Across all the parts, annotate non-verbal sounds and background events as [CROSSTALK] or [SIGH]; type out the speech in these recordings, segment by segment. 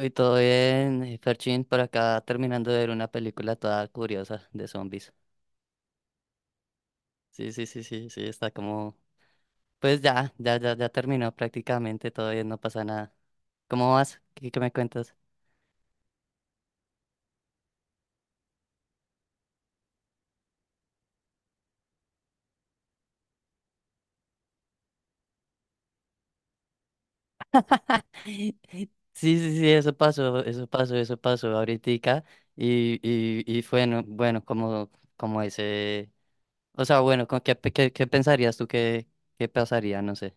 Y todo bien, Ferchín, por acá terminando de ver una película toda curiosa de zombies. Sí, sí, sí, sí, sí, está como... Pues ya, ya, ya, ya terminó prácticamente, todo bien, no pasa nada. ¿Cómo vas? ¿Qué me cuentas? [LAUGHS] Sí, sí, sí, eso pasó, eso pasó, eso pasó ahoritica. Y fue bueno, bueno, como, como ese... O sea, bueno, ¿con qué, qué, qué pensarías tú que, qué pasaría? No sé.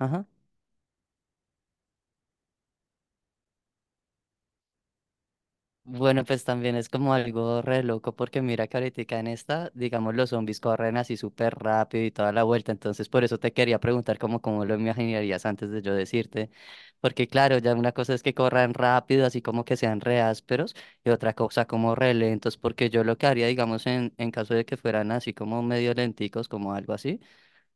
Ajá. Bueno, pues también es como algo re loco porque mira que ahorita en esta, digamos, los zombies corren así súper rápido y toda la vuelta, entonces por eso te quería preguntar como cómo lo imaginarías antes de yo decirte, porque claro, ya una cosa es que corran rápido, así como que sean re ásperos, y otra cosa como re lentos, porque yo lo que haría, digamos, en caso de que fueran así como medio lenticos, como algo así,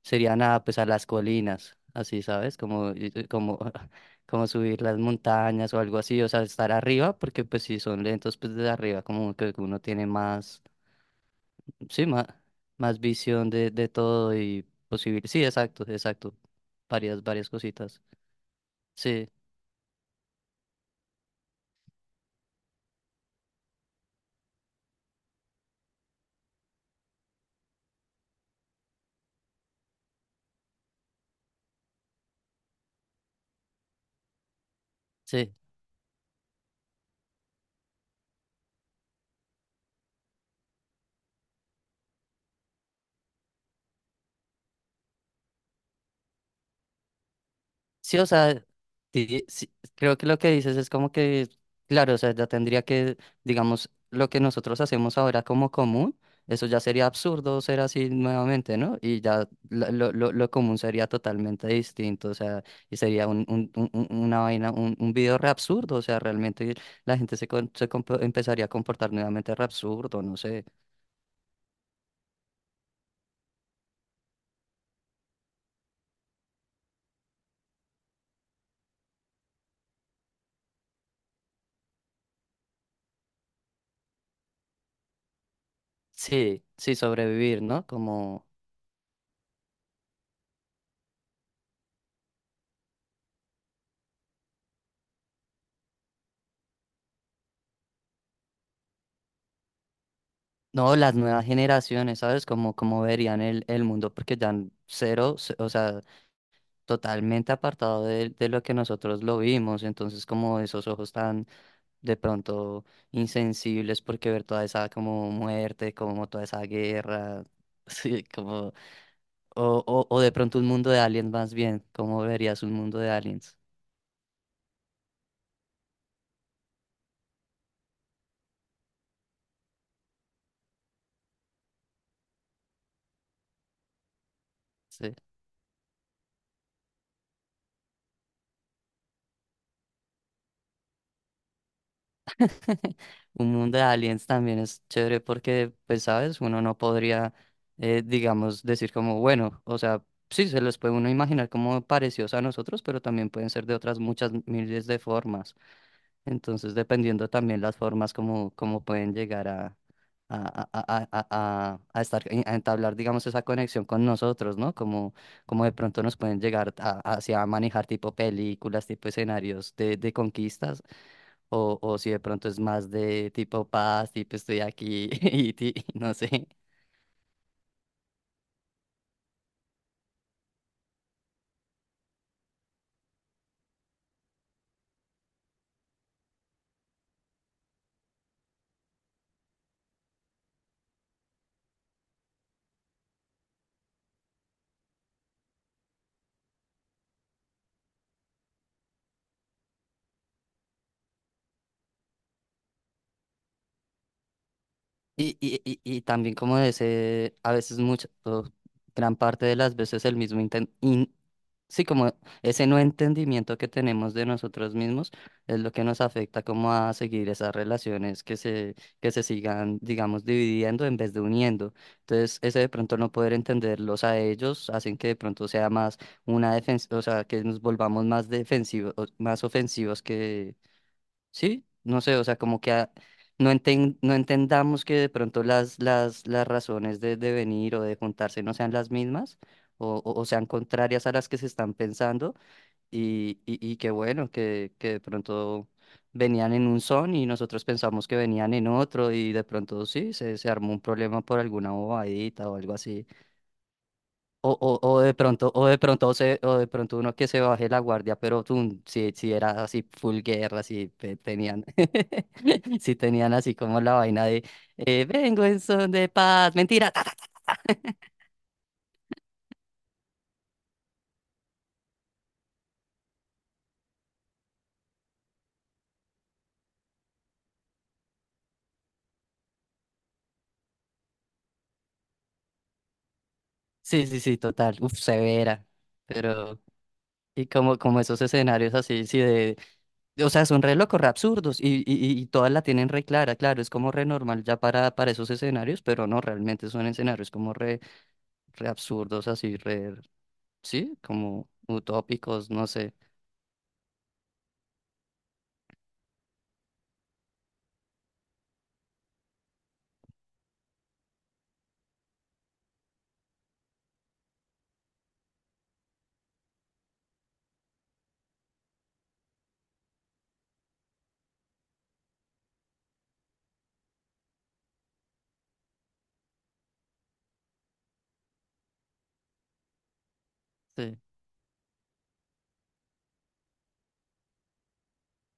serían a, pues, a las colinas, así, ¿sabes? Como, como, [LAUGHS] como subir las montañas o algo así, o sea, estar arriba, porque pues si son lentos, pues desde arriba como que uno tiene más, sí, más, más visión de todo y posible. Sí, exacto, exacto. Varias, varias cositas. Sí, sí. Sí, o sea, sí, creo que lo que dices es como que, claro, o sea, ya tendría que, digamos, lo que nosotros hacemos ahora como común, eso ya sería absurdo ser así nuevamente, ¿no? Y ya lo común sería totalmente distinto, o sea, y sería un, una vaina, un video re absurdo, o sea, realmente la gente se empezaría a comportar nuevamente re absurdo, no sé. Sí, sí, sobrevivir, ¿no? Como... No, las nuevas generaciones, ¿sabes? Como, como verían el mundo, porque ya cero, o sea, totalmente apartado de lo que nosotros lo vimos. Entonces, como esos ojos tan de pronto insensibles, porque ver toda esa como muerte, como toda esa guerra, [LAUGHS] sí, como, o de pronto un mundo de aliens más bien, ¿cómo verías un mundo de aliens? Sí. [LAUGHS] Un mundo de aliens también es chévere porque, pues, sabes, uno no podría, digamos, decir como, bueno, o sea, sí, se los puede uno imaginar como parecidos a nosotros, pero también pueden ser de otras muchas miles de formas. Entonces, dependiendo también las formas como, como pueden llegar a, a, a, a, a, a estar, a entablar, digamos, esa conexión con nosotros, ¿no? Como, como de pronto nos pueden llegar a, hacia manejar tipo películas, tipo escenarios de conquistas. O si de pronto es más de tipo paz, tipo estoy aquí [LAUGHS] y no sé. Y también como de ese, a veces mucho, o gran parte de las veces el mismo sí, como ese no entendimiento que tenemos de nosotros mismos es lo que nos afecta como a seguir esas relaciones que se sigan, digamos, dividiendo en vez de uniendo. Entonces, ese de pronto no poder entenderlos a ellos hacen que de pronto sea más una defensa, o sea, que nos volvamos más defensivos, más ofensivos que sí, no sé, o sea, como que no no entendamos que de pronto las razones de venir o de juntarse no sean las mismas o, o sean contrarias a las que se están pensando y que bueno, que de pronto venían en un son y nosotros pensamos que venían en otro y de pronto sí, se armó un problema por alguna bobadita o algo así. O de pronto se, o de pronto uno que se baje la guardia, pero tú, si, si era así full guerra, si tenían, [LAUGHS] si tenían así como la vaina de vengo en son de paz, mentira, ta, ta, ta". Sí, sí, sí, total, uf, severa. Pero, y como, como esos escenarios así, sí, de, o sea, son re locos, re absurdos, y todas la tienen re clara, claro, es como re normal ya para esos escenarios, pero no, realmente son escenarios como re, re absurdos, así, re, sí, como utópicos, no sé. Sí.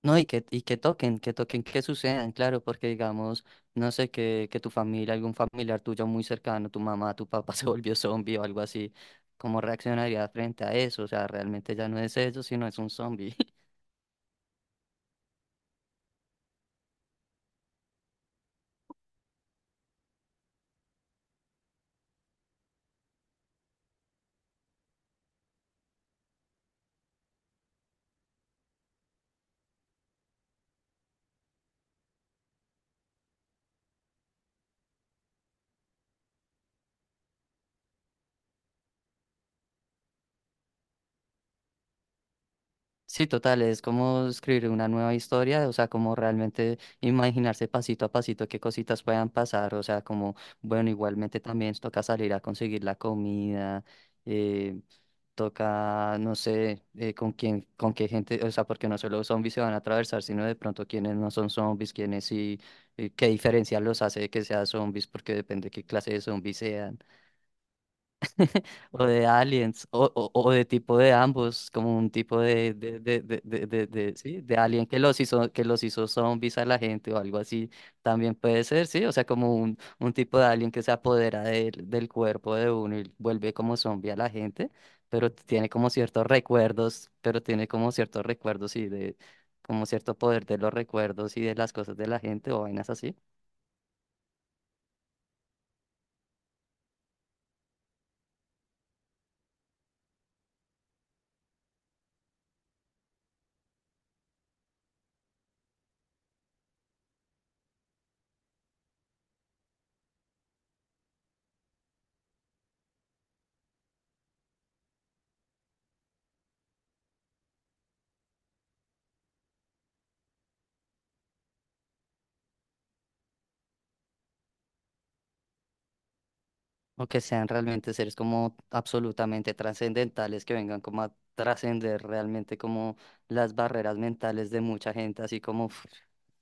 No, y que toquen, que toquen, que sucedan, claro, porque digamos, no sé, que tu familia, algún familiar tuyo muy cercano, tu mamá, tu papá [LAUGHS] se volvió zombie o algo así, ¿cómo reaccionaría frente a eso? O sea, realmente ya no es eso, sino es un zombie. Sí, total, es como escribir una nueva historia, o sea, como realmente imaginarse pasito a pasito qué cositas puedan pasar, o sea, como, bueno, igualmente también toca salir a conseguir la comida, eh, toca, no sé, con quién, con qué gente, o sea, porque no solo zombies se van a atravesar, sino de pronto quienes no son zombies, quienes sí, qué diferencia los hace de que sean zombies, porque depende qué clase de zombies sean o de aliens, o de tipo de ambos, como un tipo de, sí, de alien que los hizo zombies a la gente o algo así, también puede ser, sí, o sea, como un tipo de alien que se apodera del del cuerpo de uno y vuelve como zombie a la gente, pero tiene como ciertos recuerdos, pero tiene como ciertos recuerdos y de, como cierto poder de los recuerdos y de las cosas de la gente o vainas así. O que sean realmente seres como absolutamente trascendentales, que vengan como a trascender realmente como las barreras mentales de mucha gente, así como uf,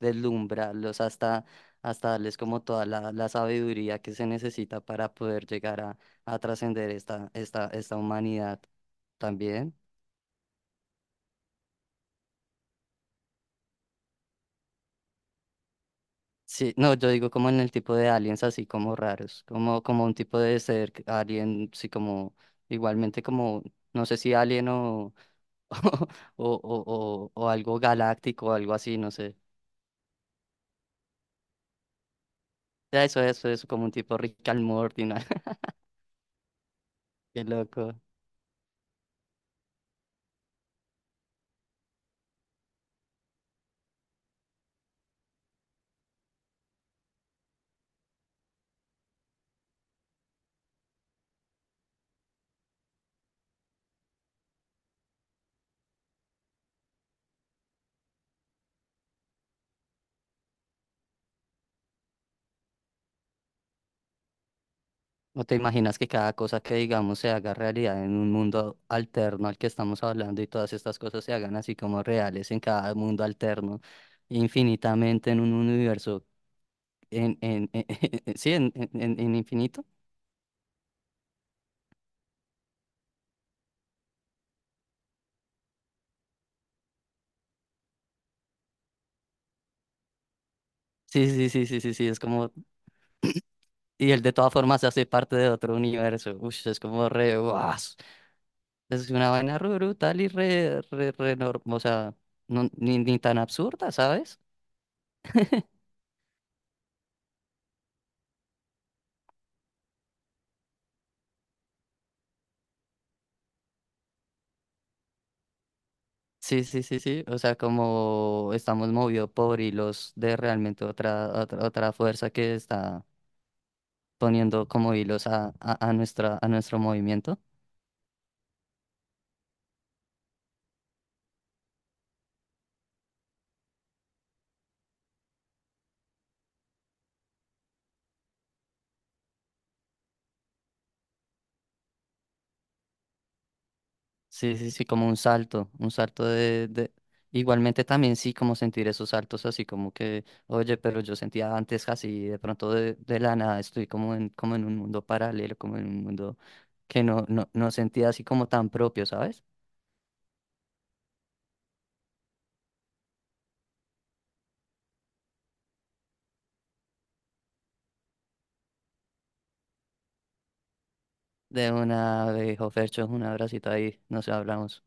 deslumbrarlos hasta, hasta darles como toda la, la sabiduría que se necesita para poder llegar a trascender esta, esta, esta humanidad también. Sí, no, yo digo como en el tipo de aliens así como raros, como, como un tipo de ser alien, sí como igualmente como, no sé si alien [LAUGHS] o algo galáctico o algo así, no sé. Ya eso, como un tipo Rick and Morty, ¿no? [LAUGHS] Qué loco. ¿No te imaginas que cada cosa que digamos se haga realidad en un mundo alterno al que estamos hablando y todas estas cosas se hagan así como reales en cada mundo alterno, infinitamente en un universo, en, [LAUGHS] sí, en, en infinito? Sí, sí, sí, sí, sí, sí, es como, y él de todas formas se hace parte de otro universo, uff, es como re, ¡guau! Es una vaina re brutal y re, re, re o sea, ni, ni tan absurda, ¿sabes? Sí, sí, sí, sí. O sea, como estamos movidos por hilos de realmente otra, otra, otra fuerza que está poniendo como hilos a, a nuestra, a nuestro movimiento. Sí, sí, sí, como un salto de... Igualmente también sí, como sentir esos saltos así como que, oye, pero yo sentía antes así, de pronto de la nada estoy como en, como en un mundo paralelo, como en un mundo que no, no, no sentía así como tan propio, ¿sabes? De una, de Jofercho, un abracito ahí, nos hablamos.